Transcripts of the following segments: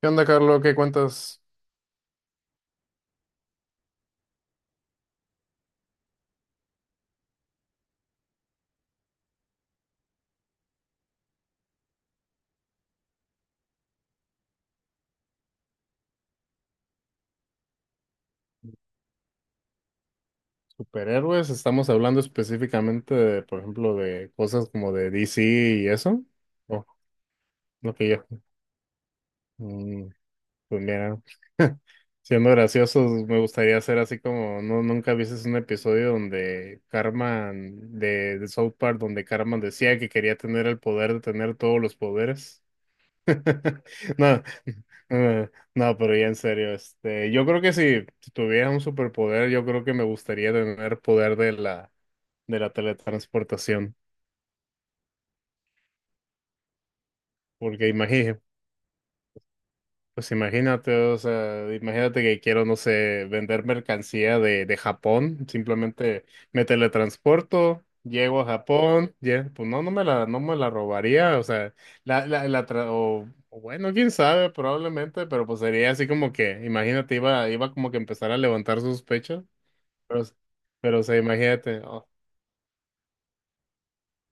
¿Qué onda, Carlos? ¿Qué cuentas? Superhéroes, estamos hablando específicamente de, por ejemplo, de cosas como de DC y eso. Oh, no que yo. Mm, pues mira, siendo graciosos, me gustaría hacer así como, no, nunca viste un episodio donde Carmen de South Park, donde Carmen decía que quería tener el poder de tener todos los poderes. No, eh, no, pero ya en serio, este, yo creo que si tuviera un superpoder, yo creo que me gustaría tener poder de la teletransportación, porque pues imagínate, o sea, imagínate que quiero, no sé, vender mercancía de Japón, simplemente me teletransporto, llego a Japón, ya, pues no, no me la robaría, o sea, o bueno, quién sabe, probablemente, pero pues sería así como que, imagínate, iba como que empezar a levantar sospechas, pero, pero o sea, imagínate.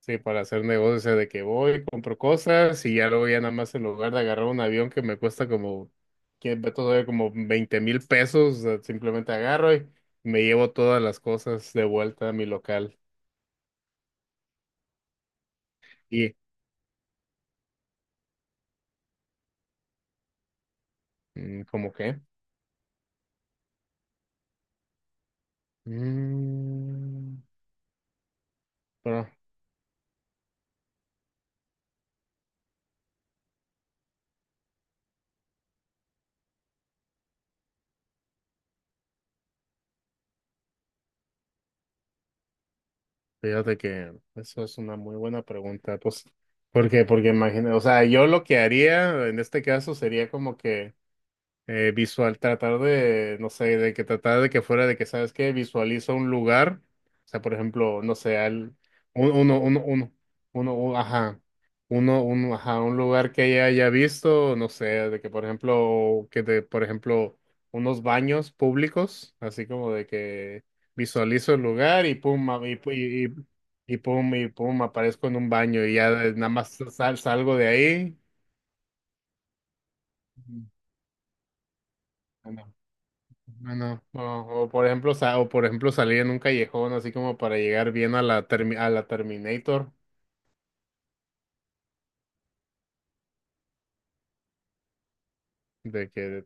Sí, para hacer negocios, o sea, de que voy, compro cosas y ya luego ya nada más en lugar de agarrar un avión que me cuesta como, que ve todavía como 20,000 pesos, o sea, simplemente agarro y me llevo todas las cosas de vuelta a mi local. ¿Y cómo qué? Mm, bueno, fíjate que eso es una muy buena pregunta, pues, ¿por qué? Porque imagina, o sea, yo lo que haría en este caso sería como que visual, tratar de, no sé, de que tratar de que fuera de que, ¿sabes qué? Visualiza un lugar, o sea, por ejemplo, no sé, al, un- uno, uno, uno, ajá, ajá, un lugar que ella haya visto, no sé, de que, por ejemplo, por ejemplo, unos baños públicos, así como de que visualizo el lugar y pum, y pum, aparezco en un baño y ya nada más salgo de ahí. Bueno, o por ejemplo, o por ejemplo salir en un callejón así como para llegar bien a la a la Terminator, de que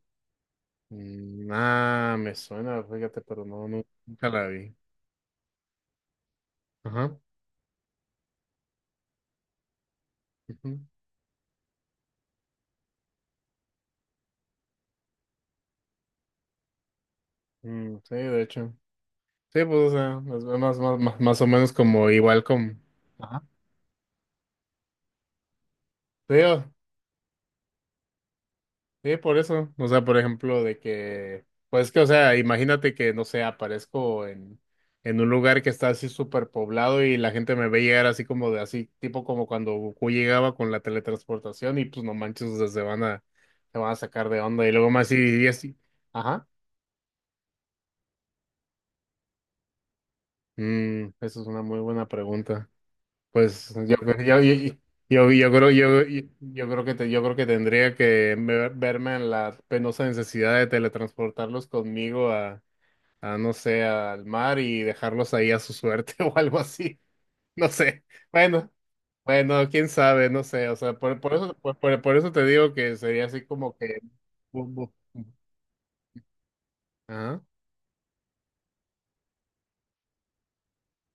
ah, me suena, fíjate, pero no, nunca la vi. Ajá. Ujú. Mm, sí, de hecho. Sí, pues o sea, más o menos como igual como. Ajá. Sí, o, sí, por eso. O sea, por ejemplo, de que, pues que, o sea, imagínate que, no sé, aparezco en un lugar que está así súper poblado y la gente me ve llegar así como de así, tipo como cuando Goku llegaba con la teletransportación y pues no manches, o sea, se van a sacar de onda y luego más así, y así. Ajá. Mm, eso es una muy buena pregunta. Pues yo, yo creo que yo creo que tendría que verme en la penosa necesidad de teletransportarlos conmigo no sé, al mar y dejarlos ahí a su suerte o algo así. No sé. Bueno, bueno, quién sabe, no sé. O sea, por eso te digo que sería así como que. bu- bu- Ajá.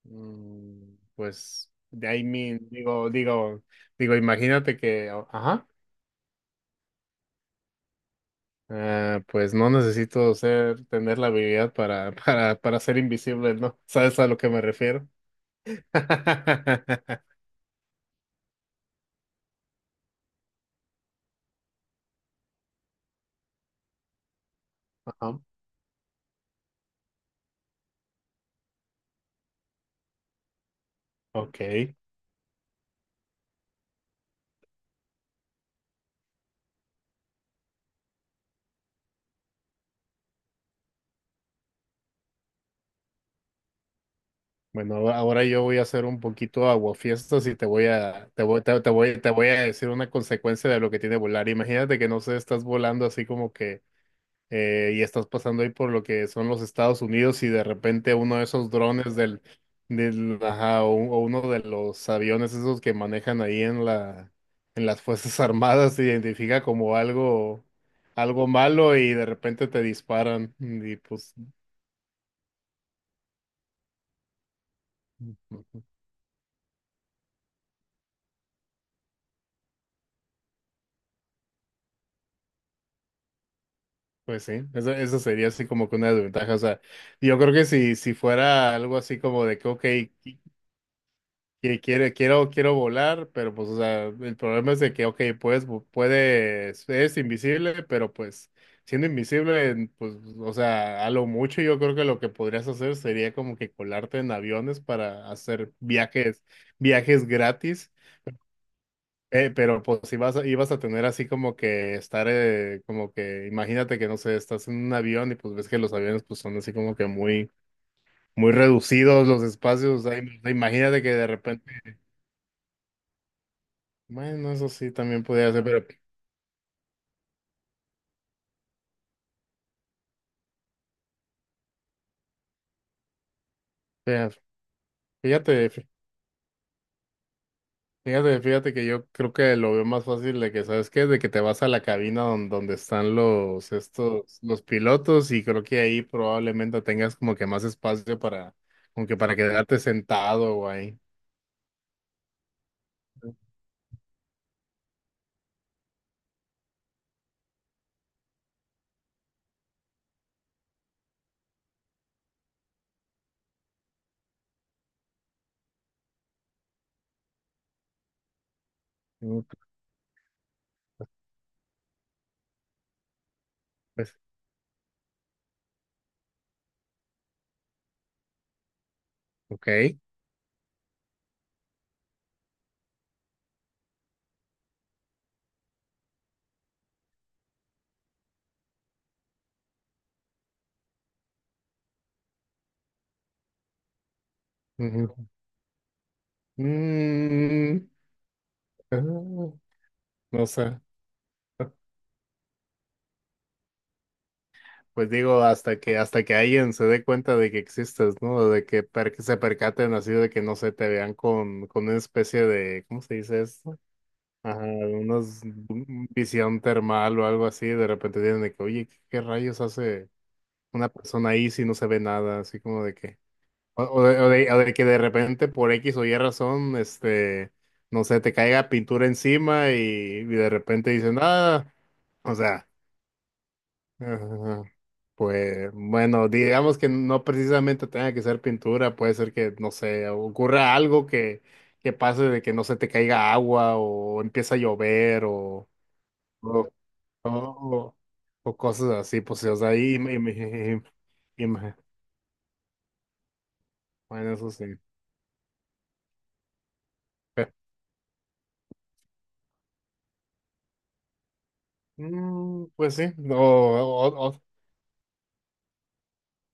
Mm, pues, de ahí mi, digo, digo, imagínate que, o, ajá. Ah, pues no necesito ser, tener la habilidad para, para ser invisible, ¿no? ¿Sabes a lo que me refiero? Ajá. Ok. Bueno, ahora yo voy a hacer un poquito aguafiestas y te voy a decir una consecuencia de lo que tiene volar. Imagínate que no sé, estás volando así como que y estás pasando ahí por lo que son los Estados Unidos y de repente uno de esos drones del, ajá, o uno de los aviones esos que manejan ahí en la, en las Fuerzas Armadas se identifica como algo, algo malo y de repente te disparan y pues pues sí, eso sería así como que una desventaja. O sea, yo creo que si fuera algo así como de que, ok, quiero volar, pero pues, o sea, el problema es de que, ok, puedes, es invisible, pero pues siendo invisible, pues, o sea, a lo mucho yo creo que lo que podrías hacer sería como que colarte en aviones para hacer viajes, viajes gratis. Pero pues ibas a tener así como que estar, como que imagínate que no sé, estás en un avión y pues ves que los aviones pues son así como que muy, muy reducidos los espacios, o sea, imagínate que de repente, bueno, eso sí también podría ser, pero fea- fíjate, fí- fíjate que yo creo que lo veo más fácil de que, ¿sabes qué? De que te vas a la cabina donde están los, estos, los pilotos y creo que ahí probablemente tengas como que más espacio para, como que para quedarte sentado, o ahí. Uh, Pues, ok. Ujú. Mm, ah, no sé. Pues digo, hasta que alguien se dé cuenta de que existes, ¿no? De que, que se percaten así, de que no se te vean con una especie de, ¿cómo se dice esto? Ajá, visión termal o algo así, de repente tienen de que, oye, ¿qué, qué rayos hace una persona ahí si no se ve nada? Así como de que, o de que de repente por X o Y razón, este, no sé, te caiga pintura encima y de repente dicen, ah, o sea, ajá, pues bueno, digamos que no precisamente tenga que ser pintura, puede ser que, no sé, ocurra algo que pase de que no se te caiga agua o empieza a llover o o, o- o cosas así, pues, o sea, y me- bueno, eso sí. Pero, pues sí, o, o-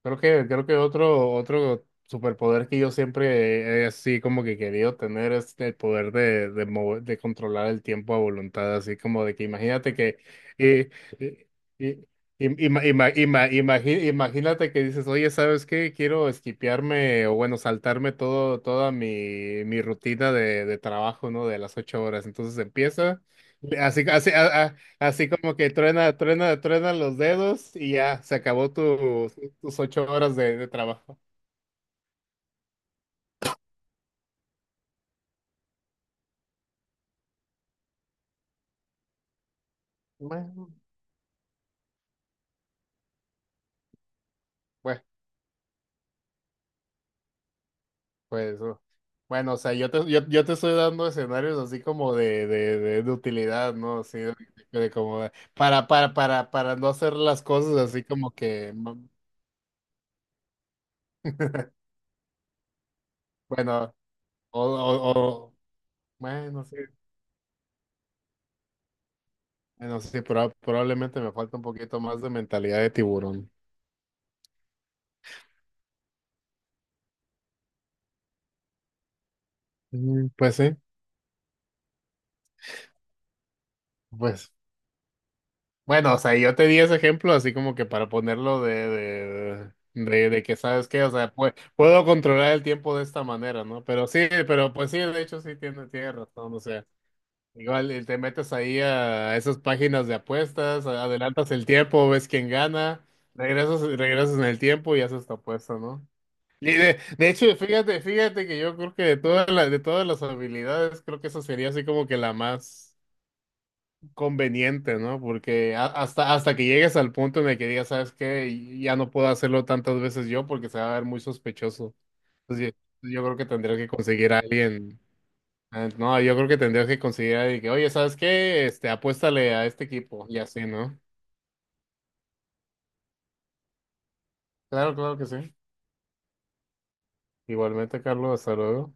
creo que, creo que otro, otro superpoder que yo siempre he así como que querido tener es el poder de, de controlar el tiempo a voluntad, así como de que imagínate que eh, eh, eh, imagínate que dices, oye, ¿sabes qué? Quiero esquipearme o bueno, saltarme todo, toda mi, mi rutina de trabajo, ¿no? De las 8 horas. Entonces empieza. Así, así, así como que truena, truena, truena los dedos y ya, se acabó tu, tus 8 horas de trabajo. Bueno, bueno, pues, bueno, o sea, yo yo te estoy dando escenarios así como de utilidad, ¿no? Así de, para no hacer las cosas así como que, mm, bueno, o, o, o- bueno, sí, bueno, sí, probablemente me falta un poquito más de mentalidad de tiburón. Mm, pues sí, pues. Bueno, o sea, yo te di ese ejemplo así como que para ponerlo de que sabes qué, o sea, puedo controlar el tiempo de esta manera, ¿no? Pero sí, pero pues sí, de hecho sí tiene, tiene razón, o sea, igual te metes ahí a esas páginas de apuestas, adelantas el tiempo, ves quién gana, regresas, regresas en el tiempo y haces tu apuesta, ¿no? Y de hecho, fíjate, fíjate que yo creo que de todas las habilidades, creo que esa sería así como que la más conveniente, ¿no? Porque hasta, hasta que llegues al punto en el que digas, ¿sabes qué? Ya no puedo hacerlo tantas veces yo porque se va a ver muy sospechoso. Entonces, yo creo que tendrías que conseguir a alguien. No, yo creo que tendrías que conseguir a alguien que, oye, ¿sabes qué? Este, apuéstale a este equipo y así, ¿no? Claro, claro que sí. Igualmente, Carlos, hasta luego.